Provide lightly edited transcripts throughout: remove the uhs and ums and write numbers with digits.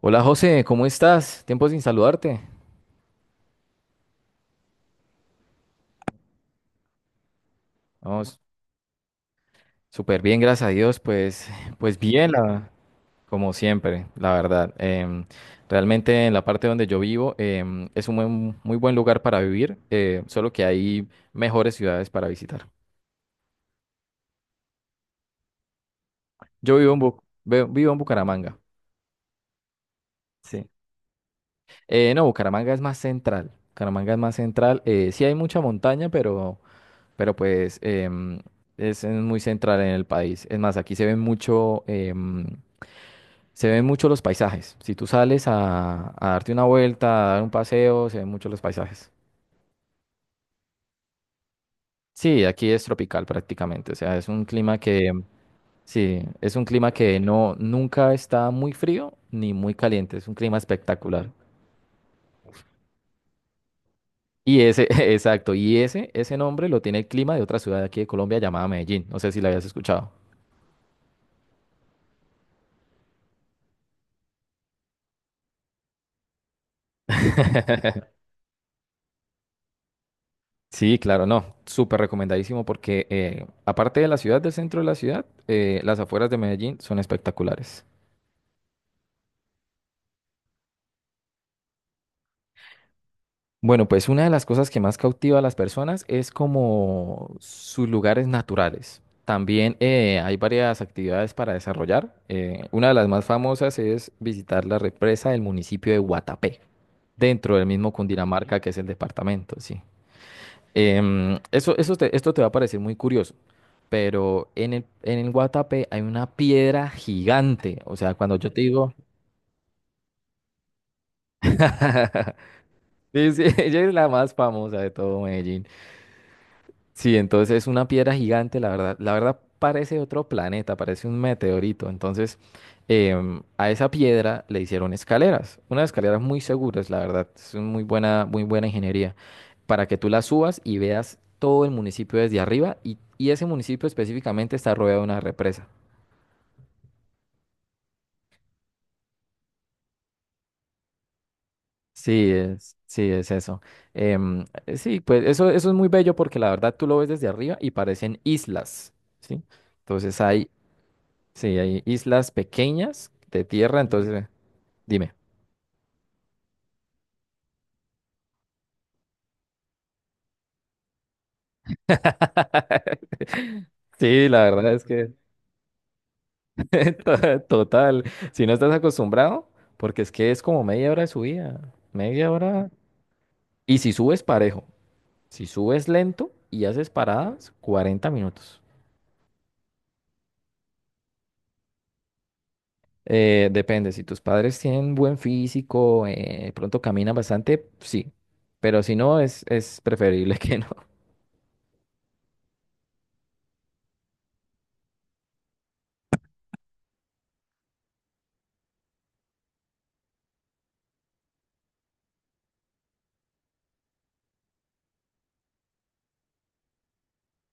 Hola José, ¿cómo estás? Tiempo sin saludarte. Vamos, súper bien, gracias a Dios. Pues bien, como siempre, la verdad. Realmente en la parte donde yo vivo es un muy buen lugar para vivir, solo que hay mejores ciudades para visitar. Yo vivo en vivo en Bucaramanga. Sí. No, Bucaramanga es más central. Bucaramanga es más central. Sí hay mucha montaña, pero pues es, muy central en el país. Es más, aquí se ve mucho. Se ven mucho los paisajes. Si tú sales a darte una vuelta, a dar un paseo, se ven mucho los paisajes. Sí, aquí es tropical prácticamente. O sea, es un clima que, sí, es un clima que no, nunca está muy frío ni muy caliente. Es un clima espectacular. Y ese, exacto, ese nombre lo tiene el clima de otra ciudad de aquí de Colombia llamada Medellín. No sé si la habías escuchado. Sí, claro, no, súper recomendadísimo porque aparte de la ciudad, del centro de la ciudad, las afueras de Medellín son espectaculares. Bueno, pues una de las cosas que más cautiva a las personas es como sus lugares naturales. También hay varias actividades para desarrollar. Una de las más famosas es visitar la represa del municipio de Guatapé, dentro del mismo Cundinamarca que es el departamento, sí. Eso esto te va a parecer muy curioso, pero en el Guatapé hay una piedra gigante. O sea, cuando yo te digo, sí, sí, ella es la más famosa de todo Medellín. Sí, entonces es una piedra gigante, la verdad. La verdad parece otro planeta, parece un meteorito. Entonces, a esa piedra le hicieron escaleras, unas escaleras muy seguras, la verdad. Es una muy buena ingeniería para que tú la subas y veas todo el municipio desde arriba y ese municipio específicamente está rodeado de una represa. Sí, es eso. Sí, pues eso es muy bello porque la verdad tú lo ves desde arriba y parecen islas, ¿sí? Entonces hay, sí, hay islas pequeñas de tierra, entonces dime. Sí, la verdad es que total, si no estás acostumbrado, porque es que es como media hora de subida, media hora. Y si subes parejo, si subes lento y haces paradas, 40 minutos. Depende, si tus padres tienen buen físico, pronto caminan bastante, sí, pero si no, es preferible que no.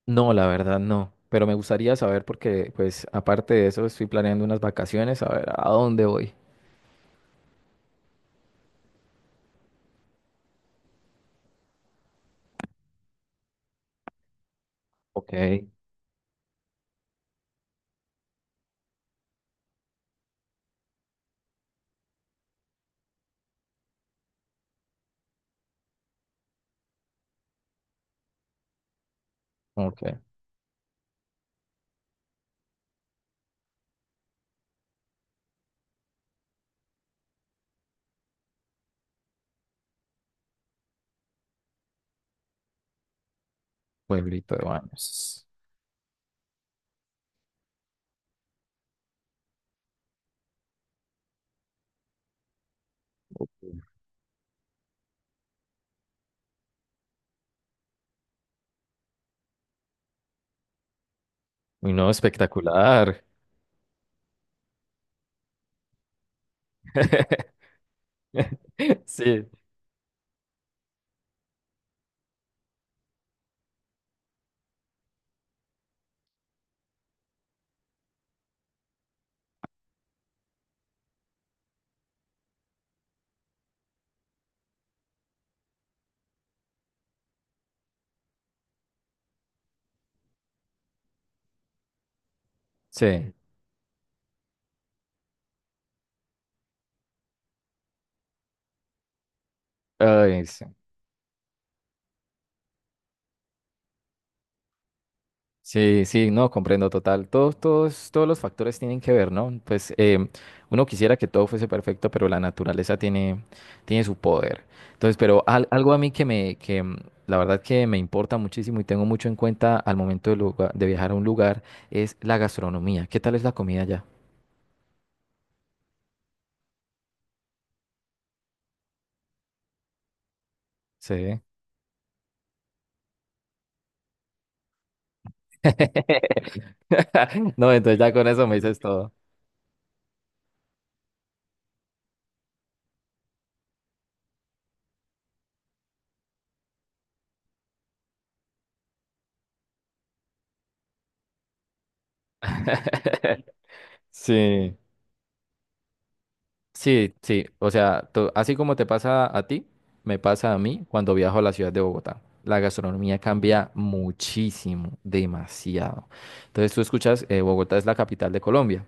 No, la verdad no, pero me gustaría saber porque, pues, aparte de eso, estoy planeando unas vacaciones, a ver a dónde voy. Ok. Ok, pueblito de Baños. Ok. Uy, no, espectacular. Sí, sí. Ay, sí. Sí, sí, no, comprendo total. Todos, todos, todos los factores tienen que ver, ¿no? Pues uno quisiera que todo fuese perfecto, pero la naturaleza tiene, tiene su poder. Entonces, pero algo a mí que me, que la verdad que me importa muchísimo y tengo mucho en cuenta al momento de viajar a un lugar es la gastronomía. ¿Qué tal es la comida allá? Sí. No, entonces ya con eso me dices todo. Sí. Sí, sí, o sea, así como te pasa a ti, me pasa a mí cuando viajo a la ciudad de Bogotá. La gastronomía cambia muchísimo, demasiado. Entonces tú escuchas, Bogotá es la capital de Colombia,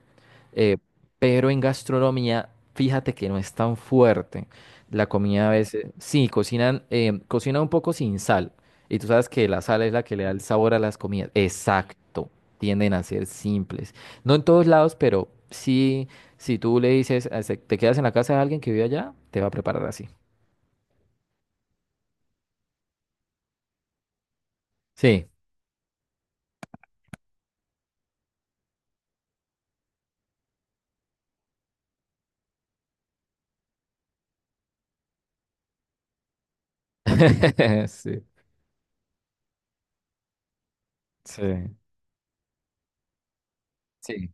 eh, pero en gastronomía, fíjate que no es tan fuerte. La comida a veces, sí, cocinan, cocinan un poco sin sal. Y tú sabes que la sal es la que le da el sabor a las comidas. Exacto, tienden a ser simples. No en todos lados, pero sí. Si tú le dices, te quedas en la casa de alguien que vive allá, te va a preparar así. Sí. Sí, sí, sí.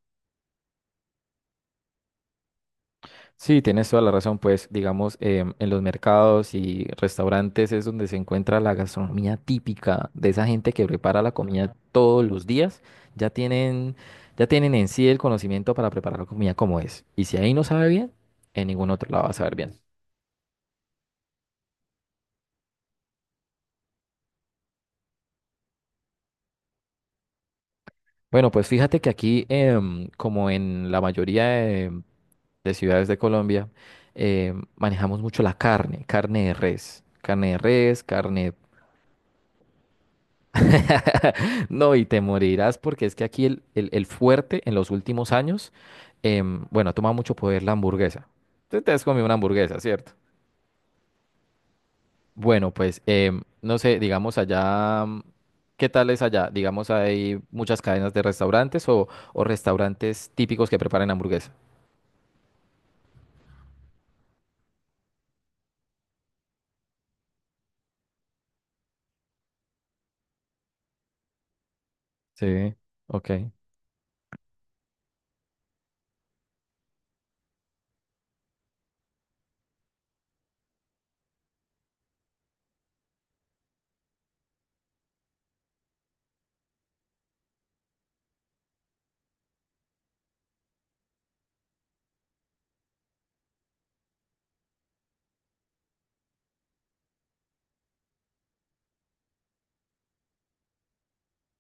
Sí, tienes toda la razón, pues digamos, en los mercados y restaurantes es donde se encuentra la gastronomía típica de esa gente que prepara la comida todos los días. Ya tienen, ya tienen en sí el conocimiento para preparar la comida como es. Y si ahí no sabe bien, en ningún otro lado va a saber bien. Bueno, pues fíjate que aquí, como en la mayoría de ciudades de Colombia, manejamos mucho la carne, carne de res, carne de res, carne... No, y te morirás porque es que aquí el fuerte en los últimos años, bueno, ha tomado mucho poder la hamburguesa. Tú te has comido una hamburguesa, ¿cierto? Bueno, pues no sé, digamos allá, ¿qué tal es allá? Digamos, hay muchas cadenas de restaurantes o restaurantes típicos que preparan hamburguesa. Sí, ok.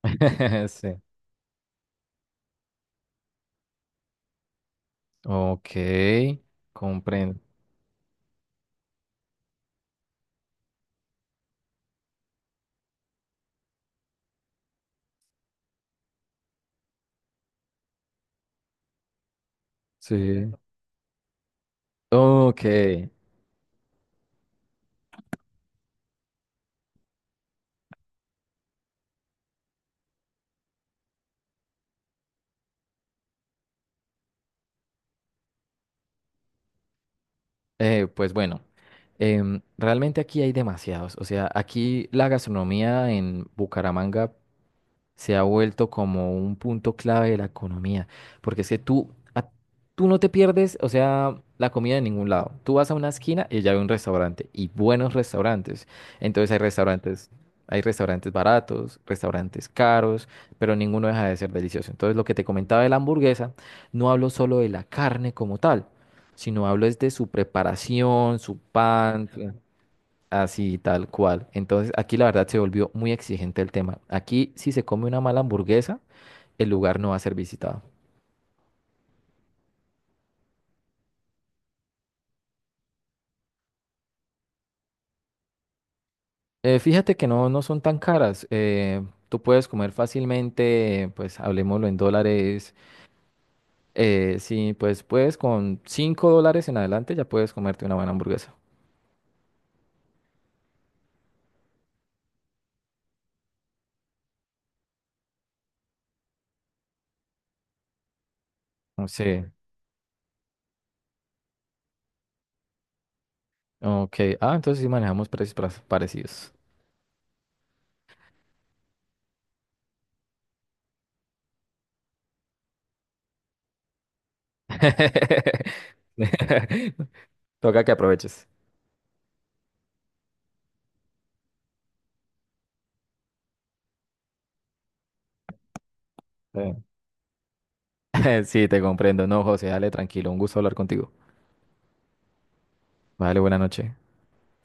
Sí. Ok, comprendo. Sí. Ok, pues bueno, realmente aquí hay demasiados. O sea, aquí la gastronomía en Bucaramanga se ha vuelto como un punto clave de la economía, porque es que tú no te pierdes, o sea, la comida de ningún lado. Tú vas a una esquina y ya hay un restaurante, y buenos restaurantes. Entonces hay restaurantes baratos, restaurantes caros, pero ninguno deja de ser delicioso. Entonces lo que te comentaba de la hamburguesa, no hablo solo de la carne como tal, sino hablo es de su preparación, su pan. Así, tal cual. Entonces, aquí la verdad se volvió muy exigente el tema. Aquí, si se come una mala hamburguesa, el lugar no va a ser visitado. Fíjate que no, no son tan caras. Eh, tú puedes comer fácilmente, pues hablemoslo en dólares. Eh, sí, pues puedes con $5 en adelante ya puedes comerte una buena hamburguesa. No sé. Ok. Ah, entonces sí manejamos precios parecidos. Toca que aproveches. Sí. Sí, te comprendo. No, José, dale tranquilo. Un gusto hablar contigo. Vale, buena noche